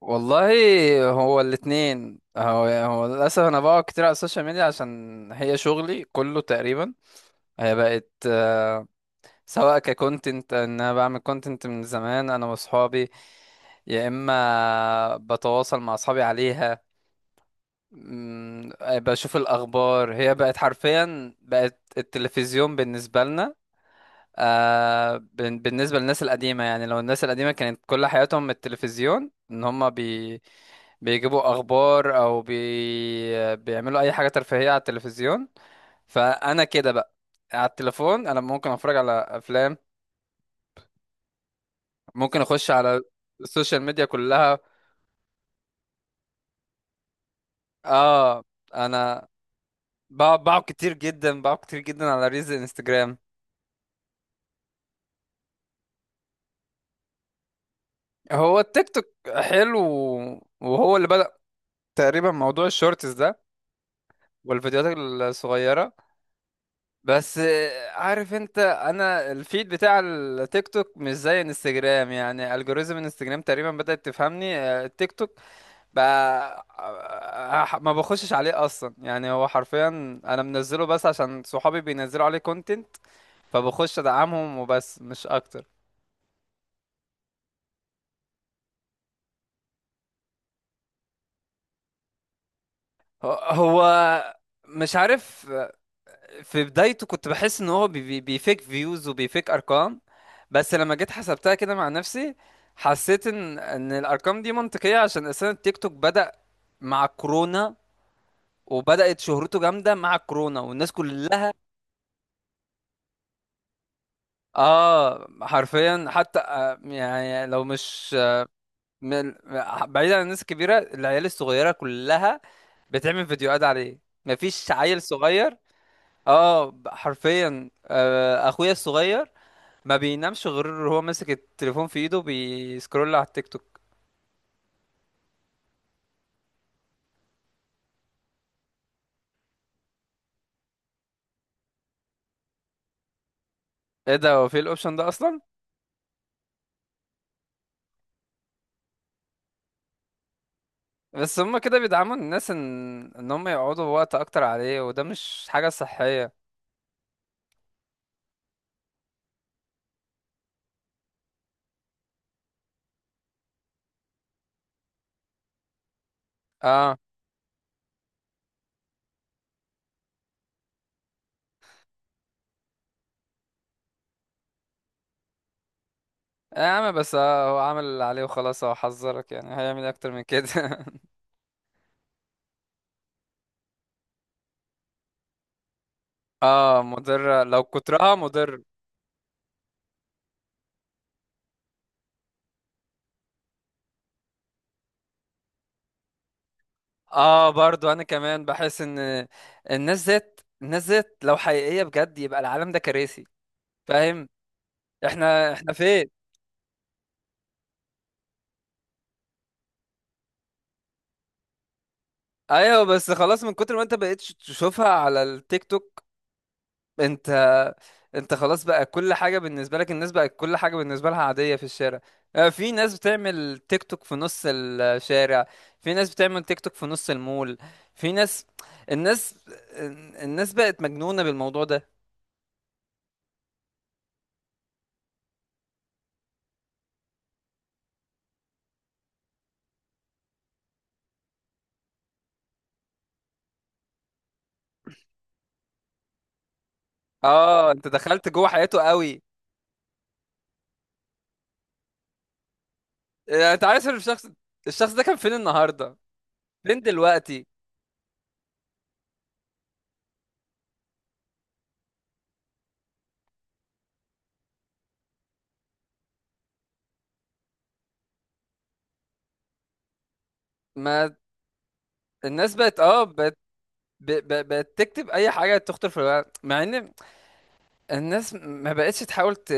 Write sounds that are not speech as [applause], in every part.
والله، هو الاتنين يعني للأسف أنا بقعد كتير على السوشيال ميديا عشان هي شغلي كله تقريبا. هي بقت سواء ككونتنت إن أنا بعمل كونتنت من زمان أنا وأصحابي، يا إما بتواصل مع أصحابي عليها. بشوف الأخبار. هي بقت حرفيا بقت التلفزيون بالنسبة لنا. بالنسبة للناس القديمة، يعني لو الناس القديمة كانت كل حياتهم التلفزيون، ان هم بيجيبوا اخبار او بيعملوا اي حاجة ترفيهية على التلفزيون. فانا كده بقى على التليفون، انا ممكن اتفرج على افلام، ممكن اخش على السوشيال ميديا كلها. اه، انا بقعد كتير جدا على ريلز انستجرام. هو التيك توك حلو، وهو اللي بدأ تقريبا موضوع الشورتس ده والفيديوهات الصغيرة. بس عارف انت، انا الفيد بتاع التيك توك مش زي انستجرام، يعني الجوريزم انستجرام تقريبا بدأت تفهمني. التيك توك بقى ما بخشش عليه اصلا، يعني هو حرفيا انا منزله بس عشان صحابي بينزلوا عليه كونتنت، فبخش ادعمهم وبس مش اكتر. هو مش عارف، في بدايته كنت بحس ان هو بيفيك فيوز وبيفيك ارقام. بس لما جيت حسبتها كده مع نفسي، حسيت ان الارقام دي منطقية عشان اساسا التيك توك بدأ مع كورونا، وبدأت شهرته جامدة مع كورونا والناس كلها. اه حرفيا، حتى يعني لو مش من- بعيد عن الناس الكبيرة، العيال الصغيرة كلها بتعمل فيديوهات عليه، مفيش عيل صغير. اه حرفيا، اخويا الصغير ما بينامش غير هو ماسك التليفون في ايده بيسكرول على التيك توك. ايه ده، هو في الاوبشن ده اصلا؟ بس هما كده بيدعموا الناس ان هم يقعدوا وقت اكتر عليه، وده مش حاجة صحية. اه. يا عم بس هو عمل اللي عليه وخلاص، هو حذرك، يعني هيعمل إيه اكتر من كده [laughs] اه، مضر لو كترها مضر. اه برضو انا كمان بحس ان الناس ذات لو حقيقية بجد يبقى العالم ده كراسي. فاهم. احنا فين؟ ايوه بس خلاص من كتر ما انت بقيت تشوفها على التيك توك، انت انت خلاص بقى كل حاجه بالنسبه لك، الناس بقت كل حاجه بالنسبه لها عاديه في الشارع. في ناس بتعمل تيك توك في نص الشارع، في ناس بتعمل تيك توك في نص المول، في ناس، الناس الناس بقت مجنونه بالموضوع ده. اه انت دخلت جوه حياته قوي. انت عارف الشخص، الشخص ده كان فين النهارده، فين دلوقتي؟ ما الناس بقت اه، ب... ب... بتكتب اي حاجه تخطر في الورق، مع ان الناس ما بقتش تحاول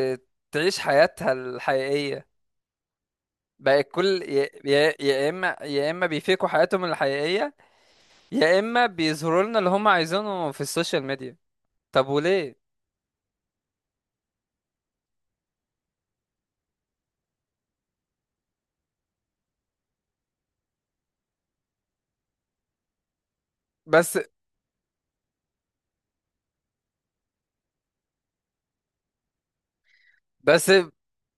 تعيش حياتها الحقيقيه. بقى كل يا اما بيفيكوا حياتهم الحقيقيه، يا اما بيظهروا لنا اللي هم عايزينه في السوشيال ميديا. طب وليه؟ بس بس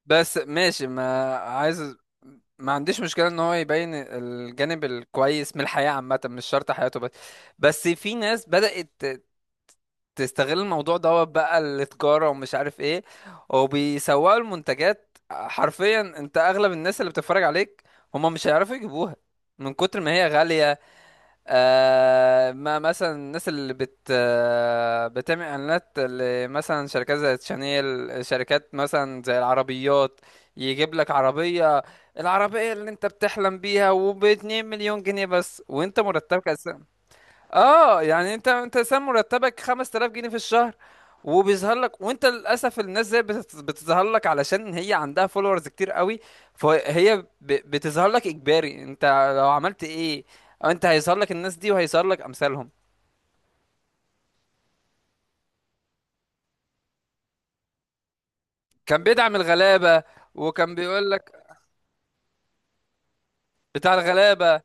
بس ماشي، ما عايز، ما عنديش مشكلة ان هو يبين الجانب الكويس من الحياة عامة، مش شرط حياته بس. بس في ناس بدأت تستغل الموضوع دوت، بقى التجارة ومش عارف ايه، وبيسوقوا المنتجات. حرفيا انت اغلب الناس اللي بتتفرج عليك هما مش هيعرفوا يجيبوها من كتر ما هي غالية. آه ما مثلا الناس اللي بت آه بتعمل اعلانات، مثلا شركات زي شانيل، شركات مثلا زي العربيات. يجيب لك عربية، العربية اللي انت بتحلم بيها وباتنين مليون جنيه بس، وانت مرتبك. اه يعني انت سام مرتبك 5000 جنيه في الشهر، وبيظهر لك، وانت للاسف الناس زي بتظهر لك علشان هي عندها فولورز كتير قوي، فهي بتظهر لك اجباري. انت لو عملت ايه، انت هيظهر لك الناس دي وهيظهر لك امثالهم. كان بيدعم الغلابة، وكان بيقول لك بتاع الغلابة.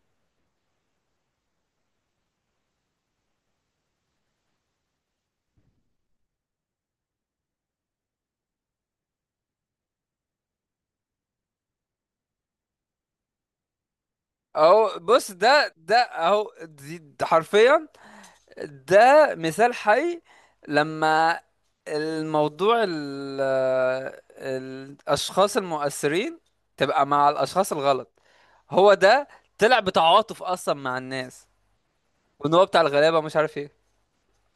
اهو بص، ده ده اهو دي ده حرفيا ده مثال حي. لما الموضوع الأشخاص المؤثرين تبقى مع الأشخاص الغلط، هو ده. طلع بتعاطف أصلا مع الناس، وإن هو بتاع الغلابة مش عارف إيه،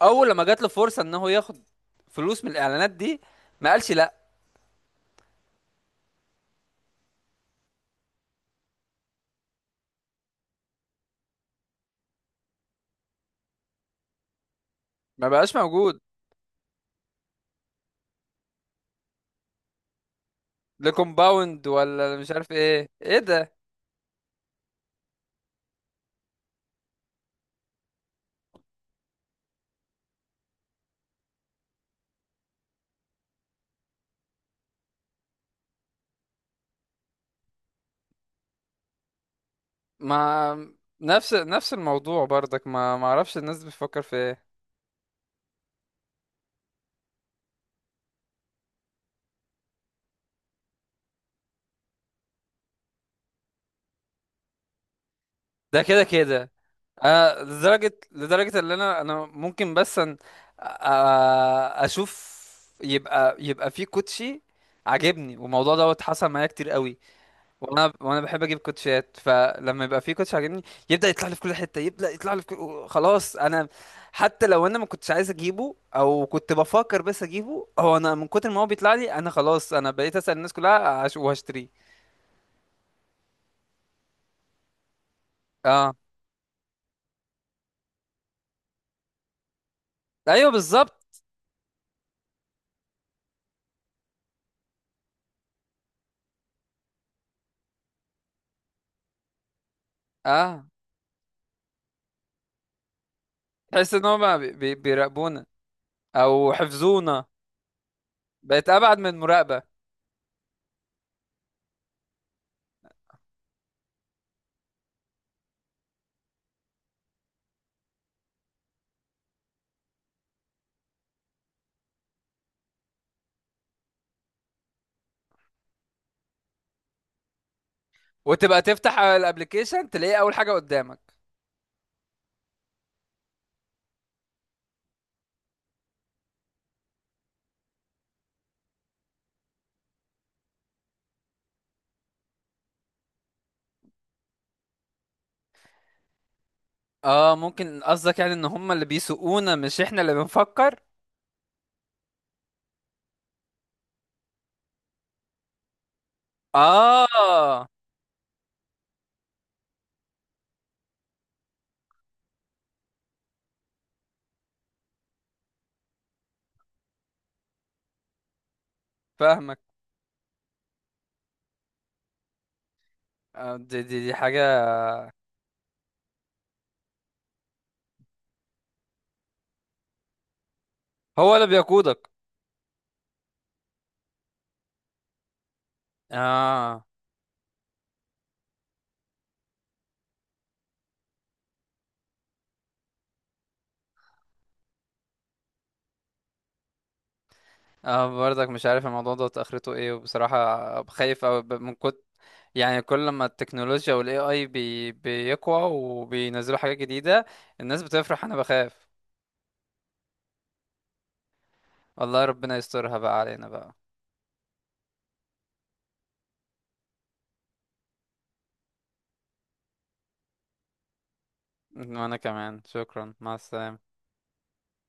أول لما جات له فرصة إن هو ياخد فلوس من الإعلانات دي، ما قالش لأ. ما بقاش موجود. لكومباوند ولا مش عارف إيه إيه ده. ما نفس الموضوع برضك، ما اعرفش الناس بتفكر في ايه. ده كده كده انا، لدرجه ان انا ممكن بس أن اشوف يبقى في كوتشي عاجبني، والموضوع دوت حصل معايا كتير قوي. وانا بحب اجيب كوتشيات، فلما يبقى في كوتش عاجبني يبدا يطلع لي في كل حته، يبدا يطلع لي في كل... خلاص انا حتى لو انا ما كنتش عايز اجيبه او كنت بفكر بس اجيبه، هو انا من كتر ما هو بيطلع لي انا خلاص انا بقيت اسال الناس كلها وهشتريه. اه. ايوه بالظبط. اه تحس ان هم بيراقبونا او حفظونا، بقت ابعد من المراقبه. وتبقى تفتح الابلكيشن تلاقيه اول حاجه قدامك. اه ممكن قصدك يعني ان هم اللي بيسوقونا مش احنا اللي بنفكر. اه فاهمك. آه دي حاجه. هو اللي بيقودك. اه. اه برضك مش عارف الموضوع ده اخرته ايه، وبصراحه خايف أوي من كنت، يعني كل ما التكنولوجيا والاي اي بي بيقوى وبينزلوا حاجات جديده الناس بتفرح انا بخاف. والله ربنا يسترها بقى علينا بقى. وأنا كمان، شكرا، مع السلامة.